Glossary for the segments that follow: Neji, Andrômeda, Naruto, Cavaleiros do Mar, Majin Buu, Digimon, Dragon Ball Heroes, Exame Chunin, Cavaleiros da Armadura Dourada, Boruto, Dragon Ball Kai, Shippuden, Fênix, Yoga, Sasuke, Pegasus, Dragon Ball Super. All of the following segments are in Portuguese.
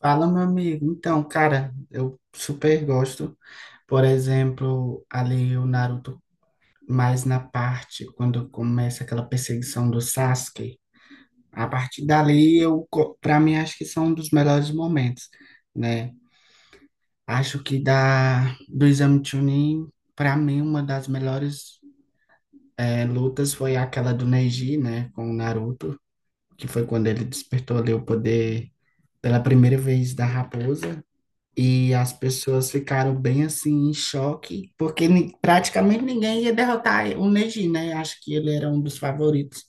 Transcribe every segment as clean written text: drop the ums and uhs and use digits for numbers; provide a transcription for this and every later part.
Fala, meu amigo. Então, cara, eu super gosto. Por exemplo, ali o Naruto, mais na parte quando começa aquela perseguição do Sasuke. A partir dali, pra mim, acho que são um dos melhores momentos, né? Acho que do Exame Chunin, pra mim, uma das melhores lutas foi aquela do Neji, né, com o Naruto, que foi quando ele despertou ali o poder pela primeira vez da raposa. E as pessoas ficaram bem assim em choque, porque praticamente ninguém ia derrotar o Neji, né? Acho que ele era um dos favoritos,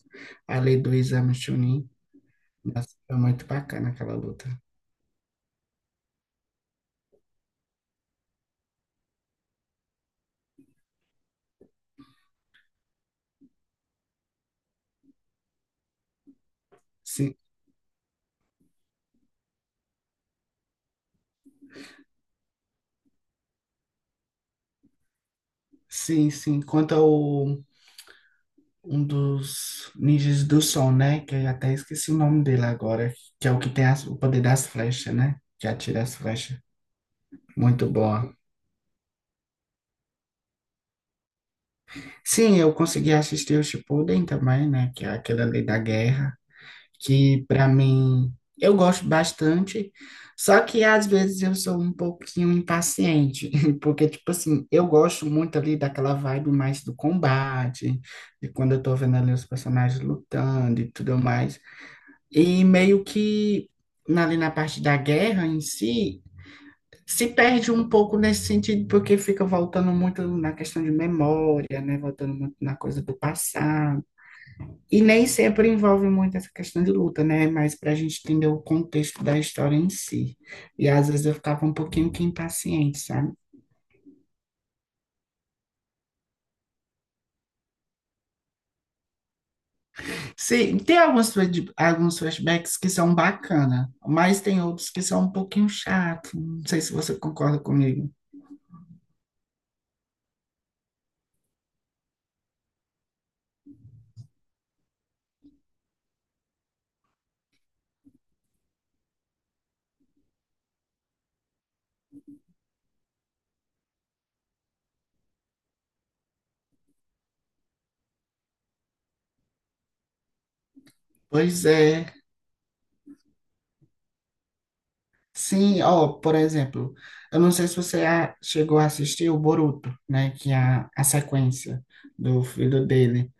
além do Exame Chunin. Mas foi muito bacana aquela luta. Sim, sim, sim. Quanto ao um dos ninjas do som, né? Que eu até esqueci o nome dele agora, que é o que tem o poder das flechas, né? Que atira as flechas. Muito boa. Sim, eu consegui assistir o Shippuden também, né? Que é aquele ali da guerra. Que para mim eu gosto bastante, só que às vezes eu sou um pouquinho impaciente, porque tipo assim, eu gosto muito ali daquela vibe mais do combate, de quando eu tô vendo ali os personagens lutando e tudo mais. E meio que ali na parte da guerra em si, se perde um pouco nesse sentido, porque fica voltando muito na questão de memória, né? Voltando muito na coisa do passado. E nem sempre envolve muito essa questão de luta, né? Mas para a gente entender o contexto da história em si. E às vezes eu ficava um pouquinho que impaciente, sabe? Sim, tem alguns flashbacks que são bacana, mas tem outros que são um pouquinho chato. Não sei se você concorda comigo. Pois é. Sim, ó, por exemplo, eu não sei se chegou a assistir o Boruto, né? Que é a sequência do filho dele.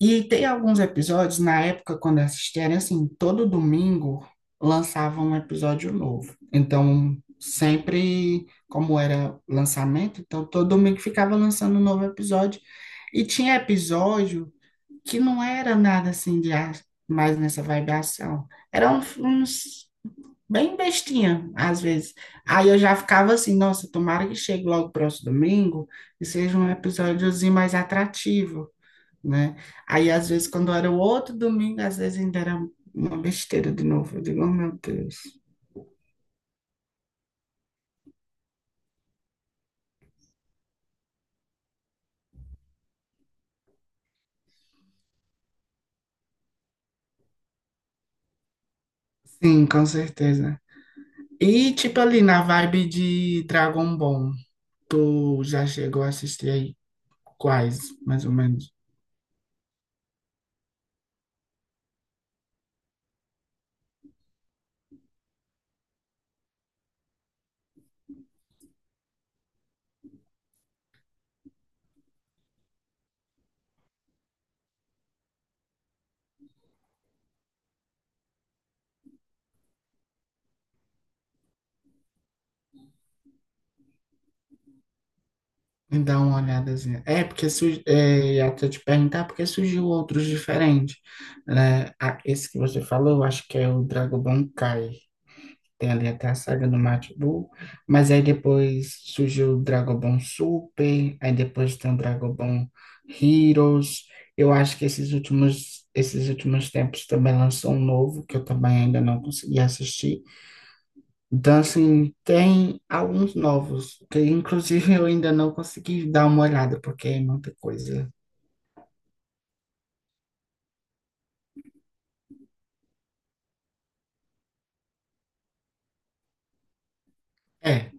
E tem alguns episódios, na época, quando eu assistia, era assim, todo domingo lançava um episódio novo. Então, sempre, como era lançamento, então todo domingo ficava lançando um novo episódio. E tinha episódio que não era nada assim mais nessa vibe ação. Uns bem bestinha, às vezes. Aí eu já ficava assim, nossa, tomara que chegue logo o próximo domingo e seja um episódiozinho mais atrativo, né? Aí, às vezes, quando era o outro domingo, às vezes ainda era uma besteira de novo. Eu digo, oh, meu Deus. Sim, com certeza. E, tipo, ali na vibe de Dragon Ball, tu já chegou a assistir aí quais, mais ou menos? Me dá uma olhadazinha. É, ia até te perguntar, porque surgiu outros diferentes, né? Ah, esse que você falou, eu acho que é o Dragon Ball Kai. Tem ali até a saga do Majin Buu, mas aí depois surgiu o Dragon Ball Super, aí depois tem o Dragon Ball Heroes. Eu acho que esses últimos tempos também lançou um novo, que eu também ainda não consegui assistir. Então, assim, tem alguns novos, que inclusive eu ainda não consegui dar uma olhada, porque é muita coisa. É,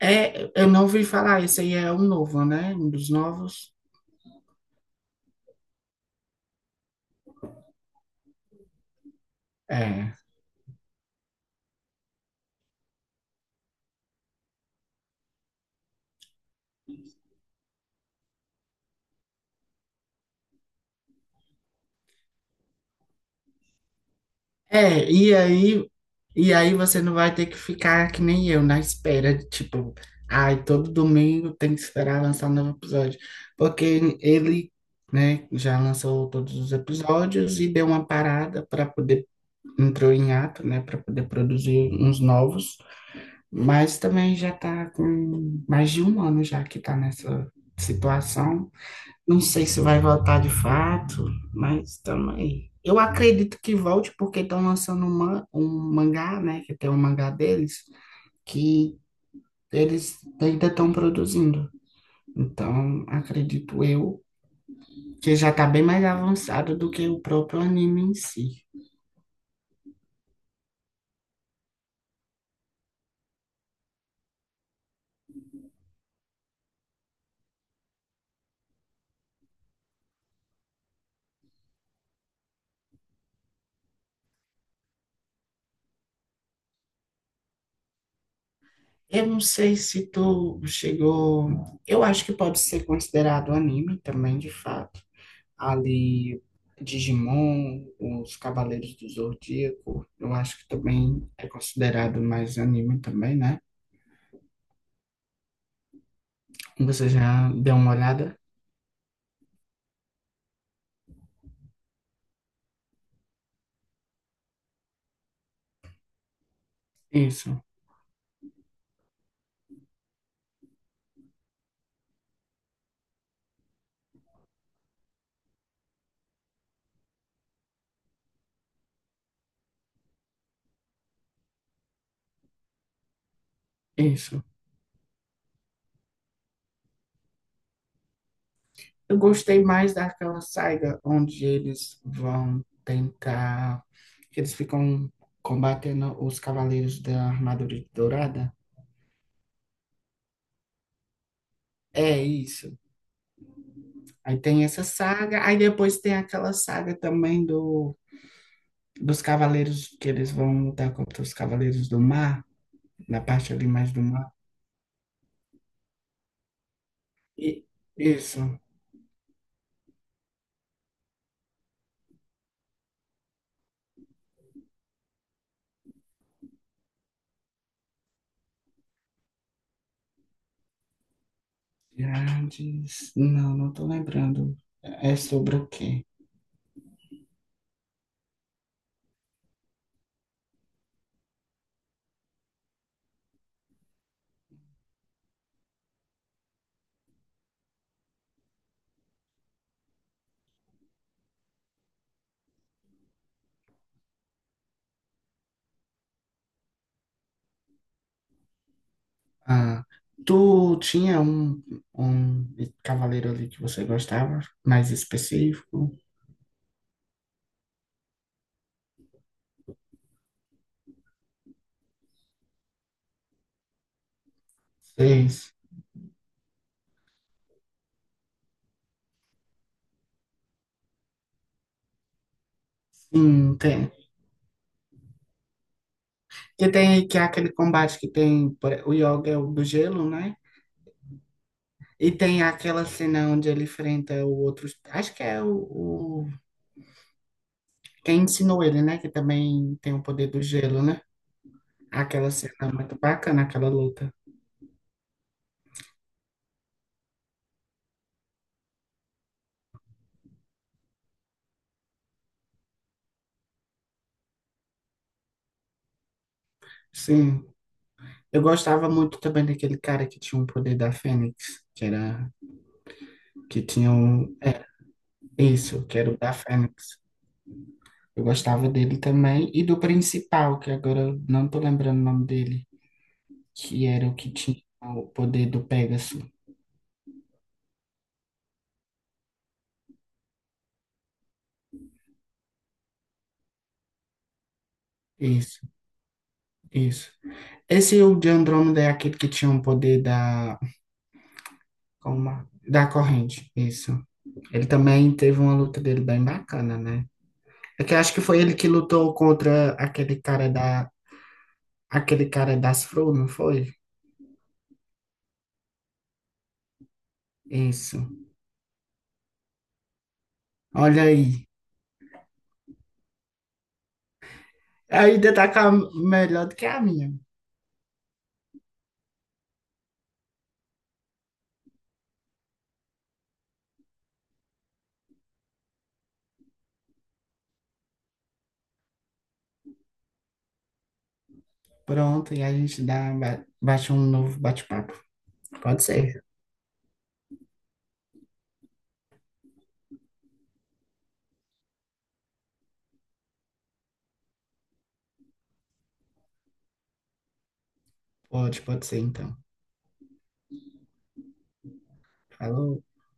é, eu não ouvi falar, esse aí é um novo, né? Um dos novos. É. É, e aí, e aí você não vai ter que ficar que nem eu, na espera, de, tipo, ai, todo domingo tem que esperar lançar um novo episódio. Porque ele, né, já lançou todos os episódios e deu uma parada para poder, entrou em ato, né, para poder produzir uns novos. Mas também já tá com mais de um ano já que tá nessa situação. Não sei se vai voltar de fato, mas também. Eu acredito que volte porque estão lançando um mangá, né? Que tem um mangá deles, que eles ainda estão produzindo. Então, acredito eu que já está bem mais avançado do que o próprio anime em si. Eu não sei se tu chegou. Eu acho que pode ser considerado anime também, de fato. Ali Digimon, os Cavaleiros do Zodíaco, eu acho que também é considerado mais anime também, né? Você já deu uma olhada? Isso, isso. Eu gostei mais daquela saga onde eles vão tentar, que eles ficam combatendo os Cavaleiros da Armadura Dourada. É isso. Aí tem essa saga, aí depois tem aquela saga também dos Cavaleiros que eles vão lutar contra os Cavaleiros do Mar. Na parte ali mais do mar. E isso, Pirades. Não, não tô lembrando. É sobre o quê? Ah, tu tinha um cavaleiro ali que você gostava, mais específico? Seis. Sim, tem. Que tem que é aquele combate que tem o Yoga é o do gelo, né? E tem aquela cena onde ele enfrenta o outro. Acho que é o- quem ensinou ele, né? Que também tem o poder do gelo, né? Aquela cena muito bacana, aquela luta. Sim, eu gostava muito também daquele cara que tinha um poder da Fênix, que era, que tinha um, é, isso, que era o da Fênix. Eu gostava dele também e do principal, que agora eu não tô lembrando o nome dele, que era o que tinha o poder do Pegasus. Isso, isso. Esse o de Andrômeda é aquele que tinha um poder da, como, é? Da corrente, isso. Ele também teve uma luta dele bem bacana, né? É que eu acho que foi ele que lutou contra aquele cara das Fro, não foi? Isso. Olha aí. Ainda tá com a, melhor do que a minha. Pronto, e a gente dá, baixa um novo bate-papo. Pode ser. Pode, pode ser então. Falou.